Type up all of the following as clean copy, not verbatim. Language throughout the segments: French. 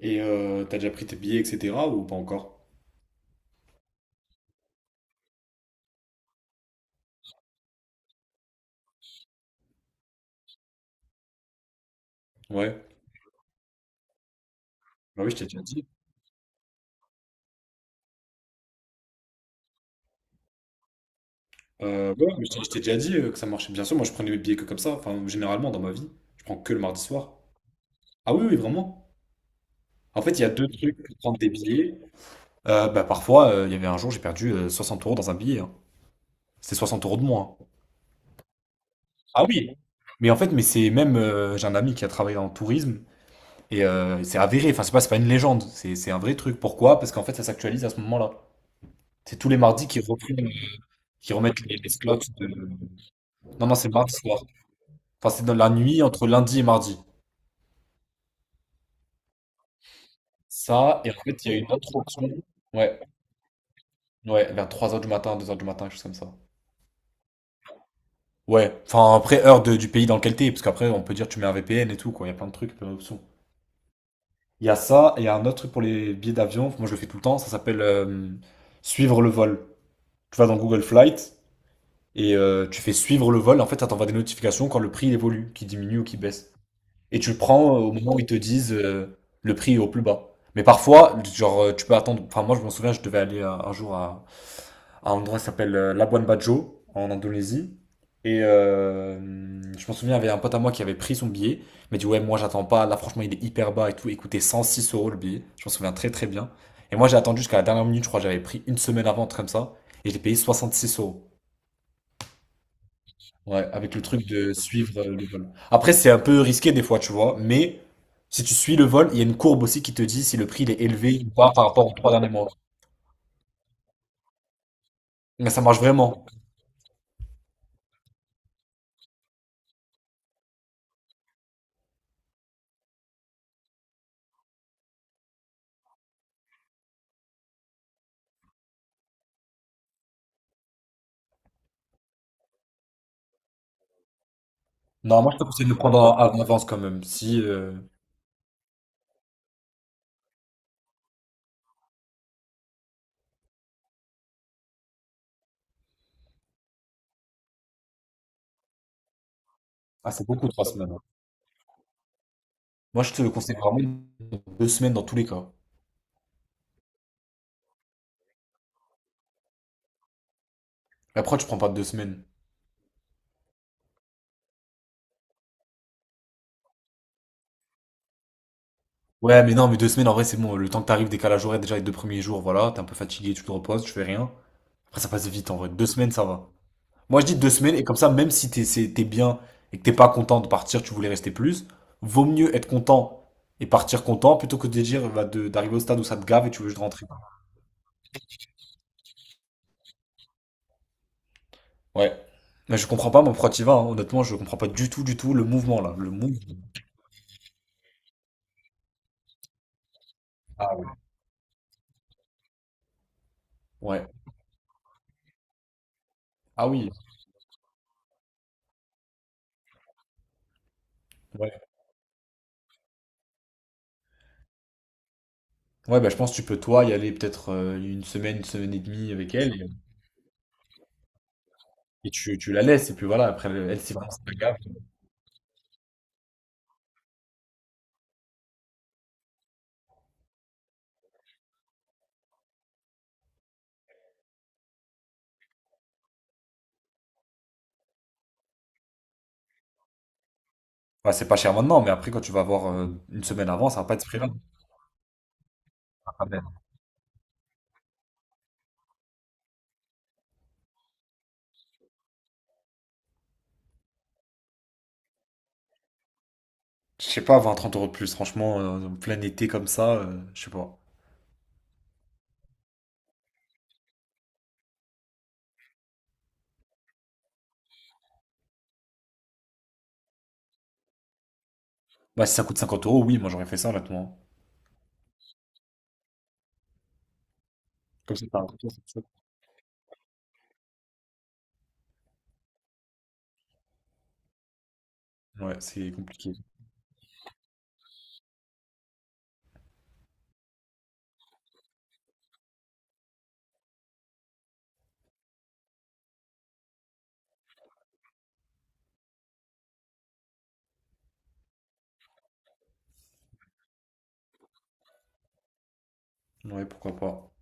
T'as déjà pris tes billets, etc. ou pas encore? Ouais. Bah oui, je t'ai déjà dit. Ouais, mais je t'ai déjà dit que ça marchait. Bien sûr, moi je prenais mes billets que comme ça. Enfin, généralement dans ma vie, je prends que le mardi soir. Ah oui, oui, vraiment. En fait, il y a deux trucs pour prendre des billets. Bah parfois, il y avait un jour, j'ai perdu 60 euros dans un billet, hein. C'était 60 euros de moins. Ah oui. Mais en fait, mais c'est même, j'ai un ami qui a travaillé en tourisme et c'est avéré. Enfin, c'est pas une légende. C'est un vrai truc. Pourquoi? Parce qu'en fait, ça s'actualise à ce moment-là. C'est tous les mardis qui reprennent, qui remettent les slots. Non, non, c'est mardi soir. Enfin, c'est dans la nuit entre lundi et mardi. Ça, et en fait, il y a une autre. Ouais, ouais, vers 3 heures du matin, 2 heures du matin, quelque chose comme ça. Ouais, enfin, après, heure du pays dans lequel t'es, parce qu'après, on peut dire tu mets un VPN et tout, quoi. Il y a plein de trucs, plein d'options. Il y a ça, et il y a un autre truc pour les billets d'avion. Moi, je le fais tout le temps. Ça s'appelle suivre le vol. Tu vas dans Google Flight et tu fais suivre le vol. En fait, ça t'envoie des notifications quand le prix évolue, qui diminue ou qui baisse. Et tu le prends au moment où ils te disent le prix est au plus bas. Mais parfois, genre, tu peux attendre. Enfin, moi, je m'en souviens, je devais aller un jour à un endroit qui s'appelle Labuan Bajo, en Indonésie. Et euh, je m'en souviens, il y avait un pote à moi qui avait pris son billet. Il m'a dit, ouais, moi, j'attends pas. Là, franchement, il est hyper bas et tout. Il coûtait 106 euros le billet. Je m'en souviens très, très bien. Et moi, j'ai attendu jusqu'à la dernière minute. Je crois que j'avais pris une semaine avant, un truc comme ça. Et j'ai payé 66 euros. Ouais, avec le truc de suivre le vol. Après, c'est un peu risqué des fois, tu vois, mais si tu suis le vol, il y a une courbe aussi qui te dit si le prix il est élevé ou pas par rapport aux trois derniers mois. Mais ça marche vraiment. Non, moi je te conseille de le prendre en avance quand même. Si. Ah, c'est beaucoup trois semaines, hein. Moi je te le conseille vraiment deux semaines dans tous les cas. Après, tu prends pas deux semaines. Ouais, mais non, mais deux semaines en vrai, c'est bon. Le temps que t'arrives, décalage horaire déjà les deux premiers jours, voilà, t'es un peu fatigué, tu te reposes, tu fais rien. Après, ça passe vite en vrai. Deux semaines, ça va. Moi, je dis deux semaines, et comme ça, même si t'es bien et que t'es pas content de partir, tu voulais rester plus, vaut mieux être content et partir content plutôt que de dire bah, d'arriver au stade où ça te gave et tu veux juste rentrer. Ouais. Mais je comprends pas, moi, pourquoi t'y vas, hein. Honnêtement, je comprends pas du tout, du tout le mouvement, là. Le mouvement. Ah ouais. Ouais. Ah oui. Ouais. Ouais, bah, je pense que tu peux, toi, y aller peut-être une semaine et demie avec elle, et, et tu la laisses, et puis voilà, après, elle, c'est vraiment ça te gave. Ouais, c'est pas cher maintenant, mais après, quand tu vas avoir une semaine avant, ça va pas être ce prix-là. Ah, ben. Je sais pas, 20-30 euros de plus, franchement, en plein été comme ça, je sais pas. Bah, si ça coûte 50 euros, oui, moi j'aurais fait ça, honnêtement. Comme ça. Ouais, c'est compliqué. Ouais, pourquoi pas.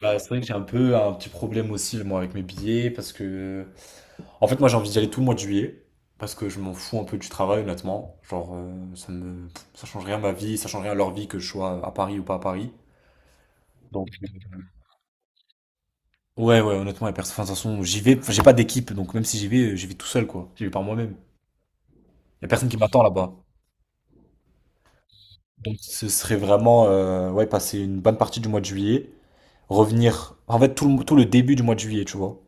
Bah, c'est vrai que j'ai un peu un petit problème aussi, moi, avec mes billets, parce que. En fait, moi, j'ai envie d'y aller tout le mois de juillet, parce que je m'en fous un peu du travail, honnêtement. Genre, ça me. Ça change rien à ma vie, ça change rien à leur vie que je sois à Paris ou pas à Paris. Donc, ouais, ouais, honnêtement, y a personne. Enfin, de toute façon, j'y vais. Enfin, j'ai pas d'équipe, donc même si j'y vais, j'y vais tout seul, quoi. J'y vais par moi-même. Y a personne qui m'attend là-bas. Ce serait vraiment, ouais, passer une bonne partie du mois de juillet, revenir, en fait, tout le début du mois de juillet, tu vois.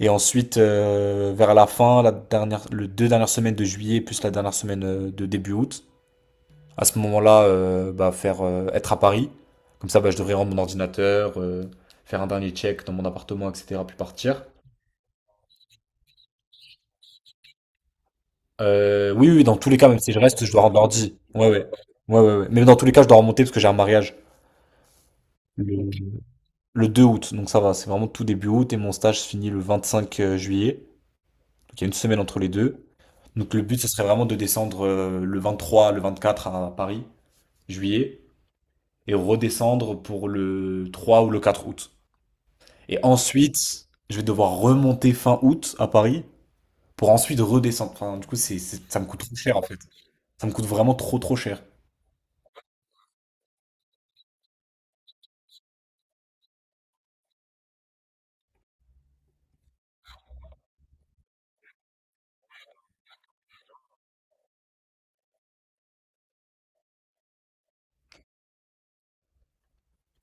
Et ensuite, vers la fin, la dernière, le deux dernières semaines de juillet, plus la dernière semaine de début août. À ce moment-là, bah, faire, être à Paris. Comme ça, bah, je devrais rendre mon ordinateur, faire un dernier check dans mon appartement, etc., puis partir. Oui, oui, dans tous les cas, même si je reste, je dois rendre l'ordi. Ouais, ouais. Ouais, ouais, ouais. Mais dans tous les cas, je dois remonter parce que j'ai un mariage le, le 2 août. Donc ça va, c'est vraiment tout début août et mon stage se finit le 25 juillet. Donc il y a une semaine entre les deux. Donc le but, ce serait vraiment de descendre le 3 le 24 à Paris, juillet, et redescendre pour le 3 ou le 4 août. Et ensuite, je vais devoir remonter fin août à Paris pour ensuite redescendre. Enfin, du coup, ça me coûte trop cher en fait. Ça me coûte vraiment trop trop cher.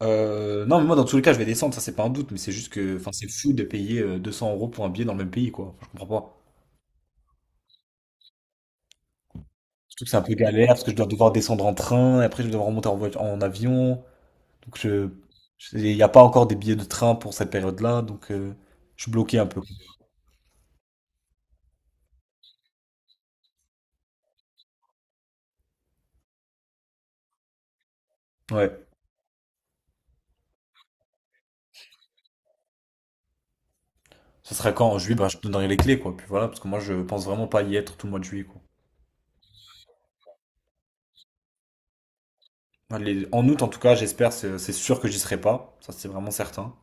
Non, mais moi, dans tous les cas, je vais descendre, ça, c'est pas un doute, mais c'est juste que, enfin, c'est fou de payer 200 euros pour un billet dans le même pays, quoi. Enfin, je comprends pas. Surtout que c'est un peu galère, parce que je dois devoir descendre en train, et après, je vais devoir remonter en voiture, en avion. Donc, il n'y a pas encore des billets de train pour cette période-là, donc, je suis bloqué un peu. Ouais. Ça sera quand? En juillet, bah, je te donnerai les clés, quoi. Puis voilà, parce que moi, je pense vraiment pas y être tout le mois de juillet, quoi. Allez, en août, en tout cas, j'espère, c'est sûr que j'y serai pas. Ça, c'est vraiment certain.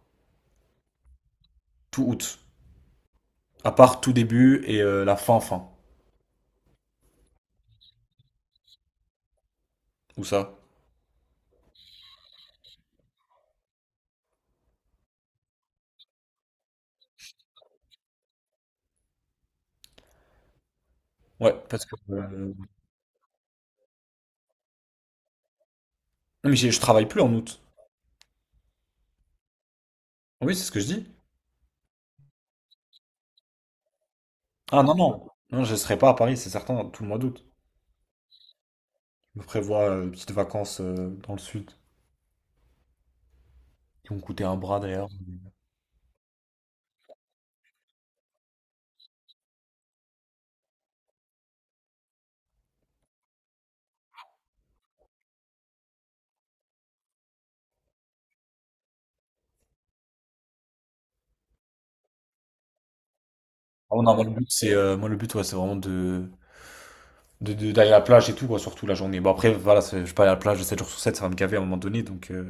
Tout août. À part tout début et la fin, fin. Où ça? Ouais, parce que. Non, mais je travaille plus en août. Oui, c'est ce que je dis. Ah non, non. Non, je serai pas à Paris, c'est certain, tout le mois d'août. Je me prévois des petites vacances dans le sud, qui m'ont coûté un bras d'ailleurs. Ah, non, moi le but, c'est moi, le but, ouais, c'est vraiment d'aller à la plage et tout, quoi, surtout la journée. Bon, après, voilà, je vais pas aller à la plage 7 jours sur 7, ça va me gaver à un moment donné. Donc,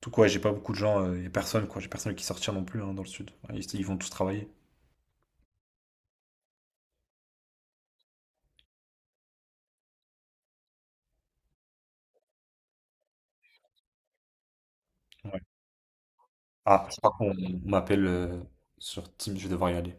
tout quoi, j'ai pas beaucoup de gens, y a personne, quoi. J'ai personne qui sortir non plus hein, dans le sud. Ouais. Ils vont tous travailler. Ouais. Ah, je contre, on m'appelle sur Teams, je vais devoir y aller.